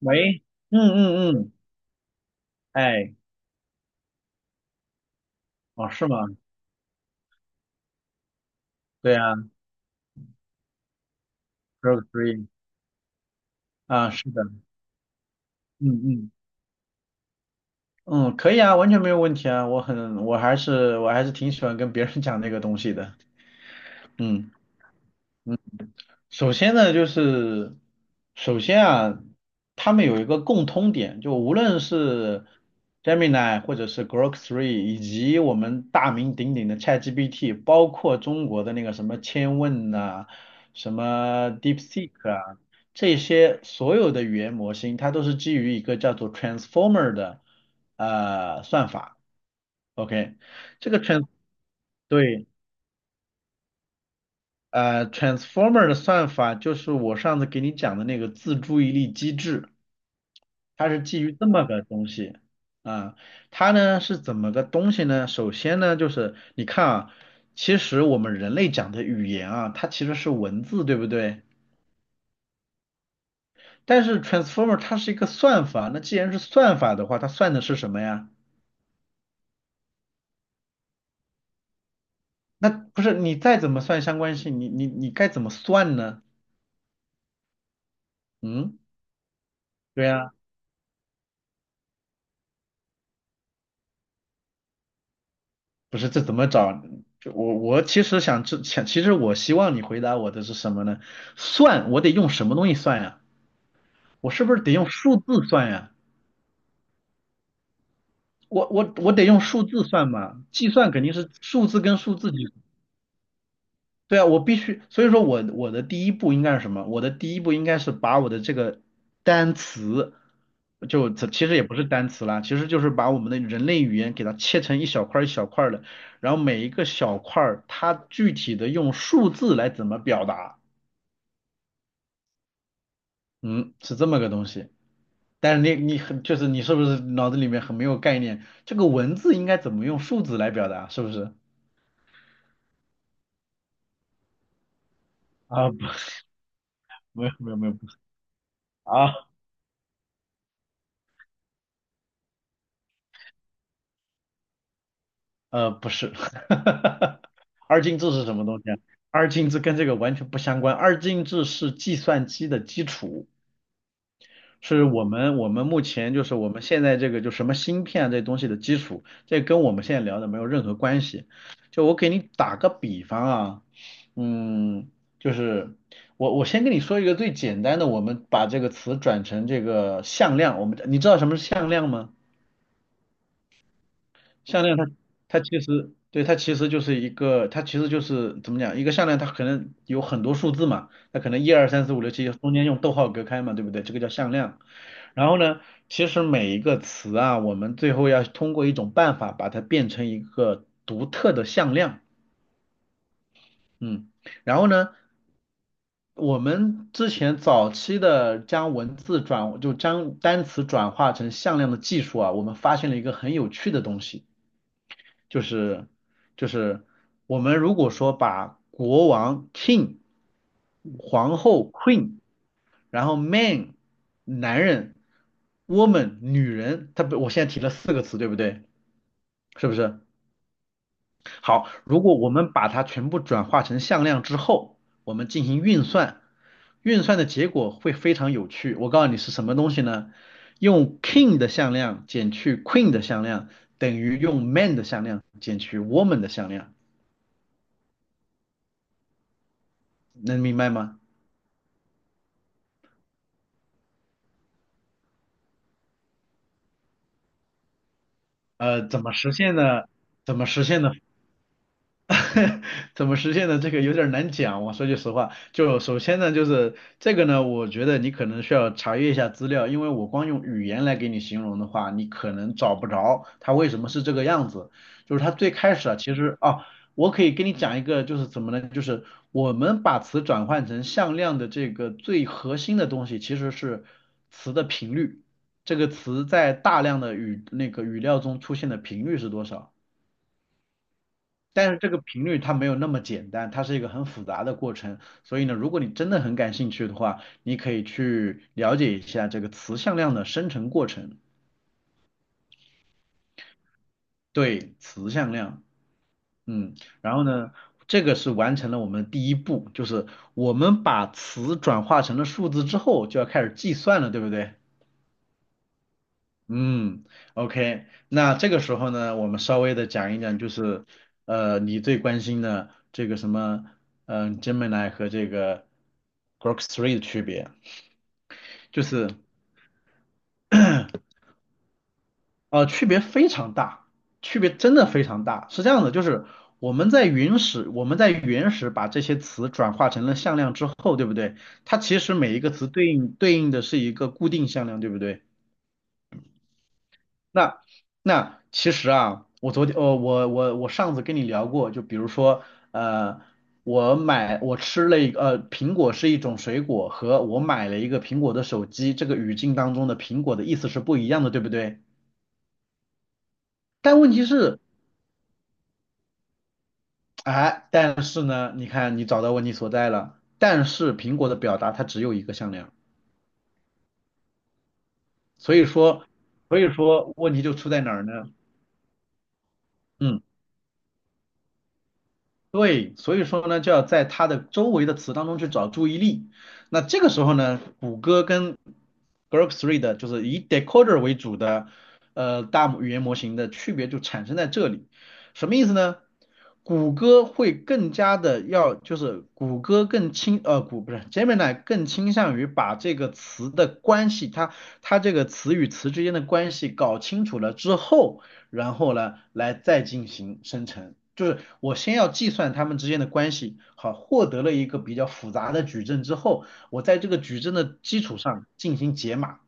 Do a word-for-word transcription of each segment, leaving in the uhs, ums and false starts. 喂，嗯嗯嗯，哎，哦，是吗？对啊 s t r o k r e e。 啊，是的，嗯嗯嗯，可以啊，完全没有问题啊，我很，我还是我还是挺喜欢跟别人讲这个东西的，嗯。首先呢，就是首先啊，他们有一个共通点，就无论是 Gemini 或者是 Grok 3,以及我们大名鼎鼎的 ChatGPT,包括中国的那个什么千问呐、什么 DeepSeek 啊，这些所有的语言模型，它都是基于一个叫做 Transformer 的呃算法。OK,这个 trans 对。呃，Transformer 的算法就是我上次给你讲的那个自注意力机制，它是基于这么个东西啊。它呢是怎么个东西呢？首先呢，就是你看啊，其实我们人类讲的语言啊，它其实是文字，对不对？但是 Transformer 它是一个算法，那既然是算法的话，它算的是什么呀？那不是你再怎么算相关性，你你你该怎么算呢？嗯，对呀。不是这怎么找？就我我其实想知想，其实我希望你回答我的是什么呢？算，我得用什么东西算呀？我是不是得用数字算呀？我我我得用数字算嘛？计算肯定是数字跟数字对啊，我必须，所以说我我的第一步应该是什么？我的第一步应该是把我的这个单词，就这其实也不是单词啦，其实就是把我们的人类语言给它切成一小块儿一小块儿的，然后每一个小块儿它具体的用数字来怎么表达，嗯，是这么个东西。但是你你很就是你是不是脑子里面很没有概念？这个文字应该怎么用数字来表达？是不是？啊，不，没有没有没有，不是啊。呃，不是，二进制是什么东西啊？二进制跟这个完全不相关。二进制是计算机的基础，是我们我们目前就是我们现在这个就什么芯片啊这东西的基础，这跟我们现在聊的没有任何关系。就我给你打个比方啊，嗯，就是我我先跟你说一个最简单的，我们把这个词转成这个向量，我们你知道什么是向量吗？项链它它其实对它其实就是一个它其实就是怎么讲一个项链它可能有很多数字嘛，它可能一二三四五六七中间用逗号隔开嘛，对不对？这个叫向量。然后呢，其实每一个词啊，我们最后要通过一种办法把它变成一个独特的向量。嗯，然后呢，我们之前早期的将文字转就将单词转化成向量的技术啊，我们发现了一个很有趣的东西。就是就是我们如果说把国王 king、皇后 queen,然后 man 男人、woman 女人，它不，我现在提了四个词，对不对？是不是？好，如果我们把它全部转化成向量之后，我们进行运算，运算的结果会非常有趣。我告诉你是什么东西呢？用 king 的向量减去 queen 的向量，等于用 man 的向量减去 woman 的向量。能明白吗？呃，怎么实现呢？怎么实现呢？怎么实现的？这个有点儿难讲。我说句实话，就首先呢，就是这个呢，我觉得你可能需要查阅一下资料，因为我光用语言来给你形容的话，你可能找不着它为什么是这个样子。就是它最开始啊，其实啊，我可以跟你讲一个，就是怎么呢？就是我们把词转换成向量的这个最核心的东西，其实是词的频率。这个词在大量的语那个语料中出现的频率是多少？但是这个频率它没有那么简单，它是一个很复杂的过程。所以呢，如果你真的很感兴趣的话，你可以去了解一下这个词向量的生成过程。对，词向量，嗯，然后呢，这个是完成了我们的第一步，就是我们把词转化成了数字之后，就要开始计算了，对不对？嗯，OK,那这个时候呢，我们稍微的讲一讲，就是呃，你最关心的这个什么，嗯、Gemini 和这个 Grok 3的区别，就是呃，区别非常大，区别真的非常大。是这样的，就是我们在原始，我们在原始把这些词转化成了向量之后，对不对？它其实每一个词对应对应的是一个固定向量，对不对？那那其实啊，我昨天呃我我我上次跟你聊过，就比如说呃我买我吃了一个呃苹果是一种水果，和我买了一个苹果的手机，这个语境当中的苹果的意思是不一样的，对不对？但问题是，哎，但是呢，你看你找到问题所在了，但是苹果的表达它只有一个向量，所以说所以说问题就出在哪儿呢？嗯。对，所以说呢，就要在它的周围的词当中去找注意力。那这个时候呢，谷歌跟 Grok e 的，就是以 decoder 为主的呃大语言模型的区别就产生在这里。什么意思呢？谷歌会更加的要，就是谷歌更倾呃谷不是 Gemini 更倾向于把这个词的关系，它它这个词与词之间的关系搞清楚了之后。然后呢来再进行生成。就是我先要计算它们之间的关系，好，获得了一个比较复杂的矩阵之后，我在这个矩阵的基础上进行解码。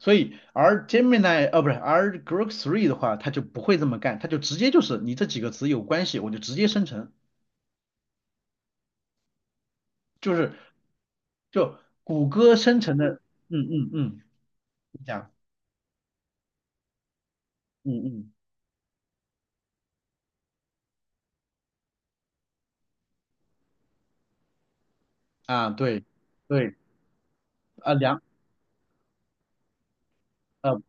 所以，而 Gemini 呃、啊不是，而 Grok Three 的话，它就不会这么干，它就直接就是你这几个词有关系，我就直接生成，就是就谷歌生成的，嗯嗯嗯，你讲，嗯嗯啊对对啊两呃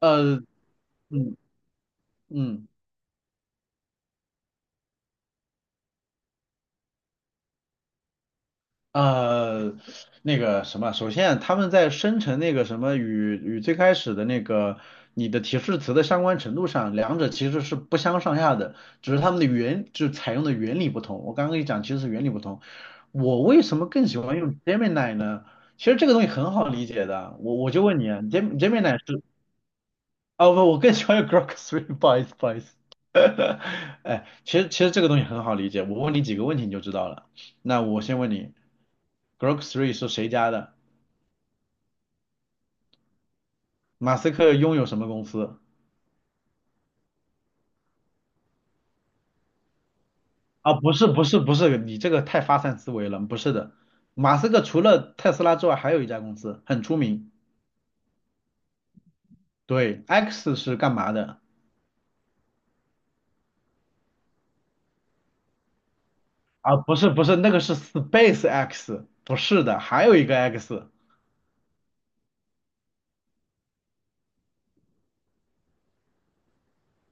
呃嗯嗯。呃，那个什么，首先他们在生成那个什么与与最开始的那个你的提示词的相关程度上，两者其实是不相上下的，只是他们的原就采用的原理不同。我刚刚跟你讲，其实是原理不同。我为什么更喜欢用 Gemini 呢？其实这个东西很好理解的，我我就问你啊Gem Gemini 是啊不，我更喜欢用 Grok Three,不好意思不好意思。哎，其实其实这个东西很好理解，我问你几个问题你就知道了。那我先问你。Grok Grok three是谁家的？马斯克拥有什么公司？啊，不是不是不是，你这个太发散思维了，不是的。马斯克除了特斯拉之外，还有一家公司很出名。对，X 是干嘛的？啊，不是不是，那个是 Space X,不是的，还有一个 X,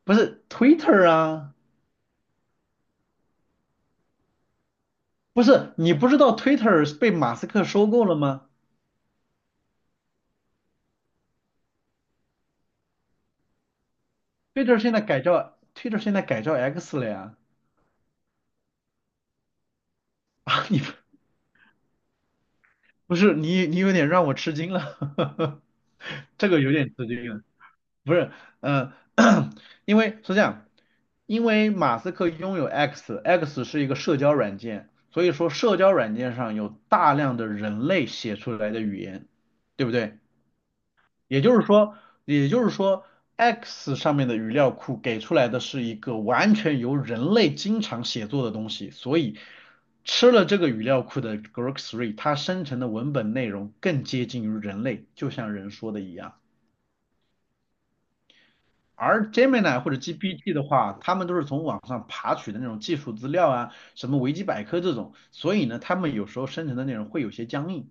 不是 Twitter 啊，不是，你不知道 Twitter 是被马斯克收购了吗？Twitter 现在改叫 Twitter 现在改叫 X 了呀。啊，你不是你，你有点让我吃惊了，这个有点吃惊了。不是，嗯、因为是这样，因为马斯克拥有 X，X 是一个社交软件，所以说社交软件上有大量的人类写出来的语言，对不对？也就是说，也就是说，X 上面的语料库给出来的是一个完全由人类经常写作的东西，所以吃了这个语料库的 g r o k Three,它生成的文本内容更接近于人类，就像人说的一样。而 Gemini 或者 G P T 的话，他们都是从网上爬取的那种技术资料啊，什么维基百科这种，所以呢，他们有时候生成的内容会有些僵硬。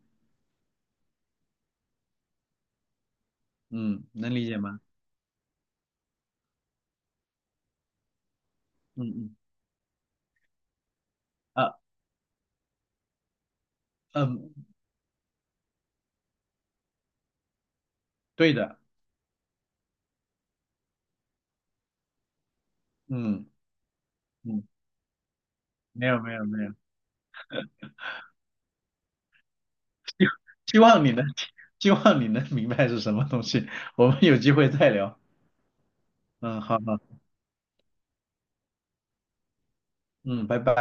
嗯，能理解吗？嗯嗯，呃嗯，对的，嗯嗯。没有没有没有，希望你能 希望你能明白是什么东西，我们有机会再聊。嗯，好好，嗯，拜拜。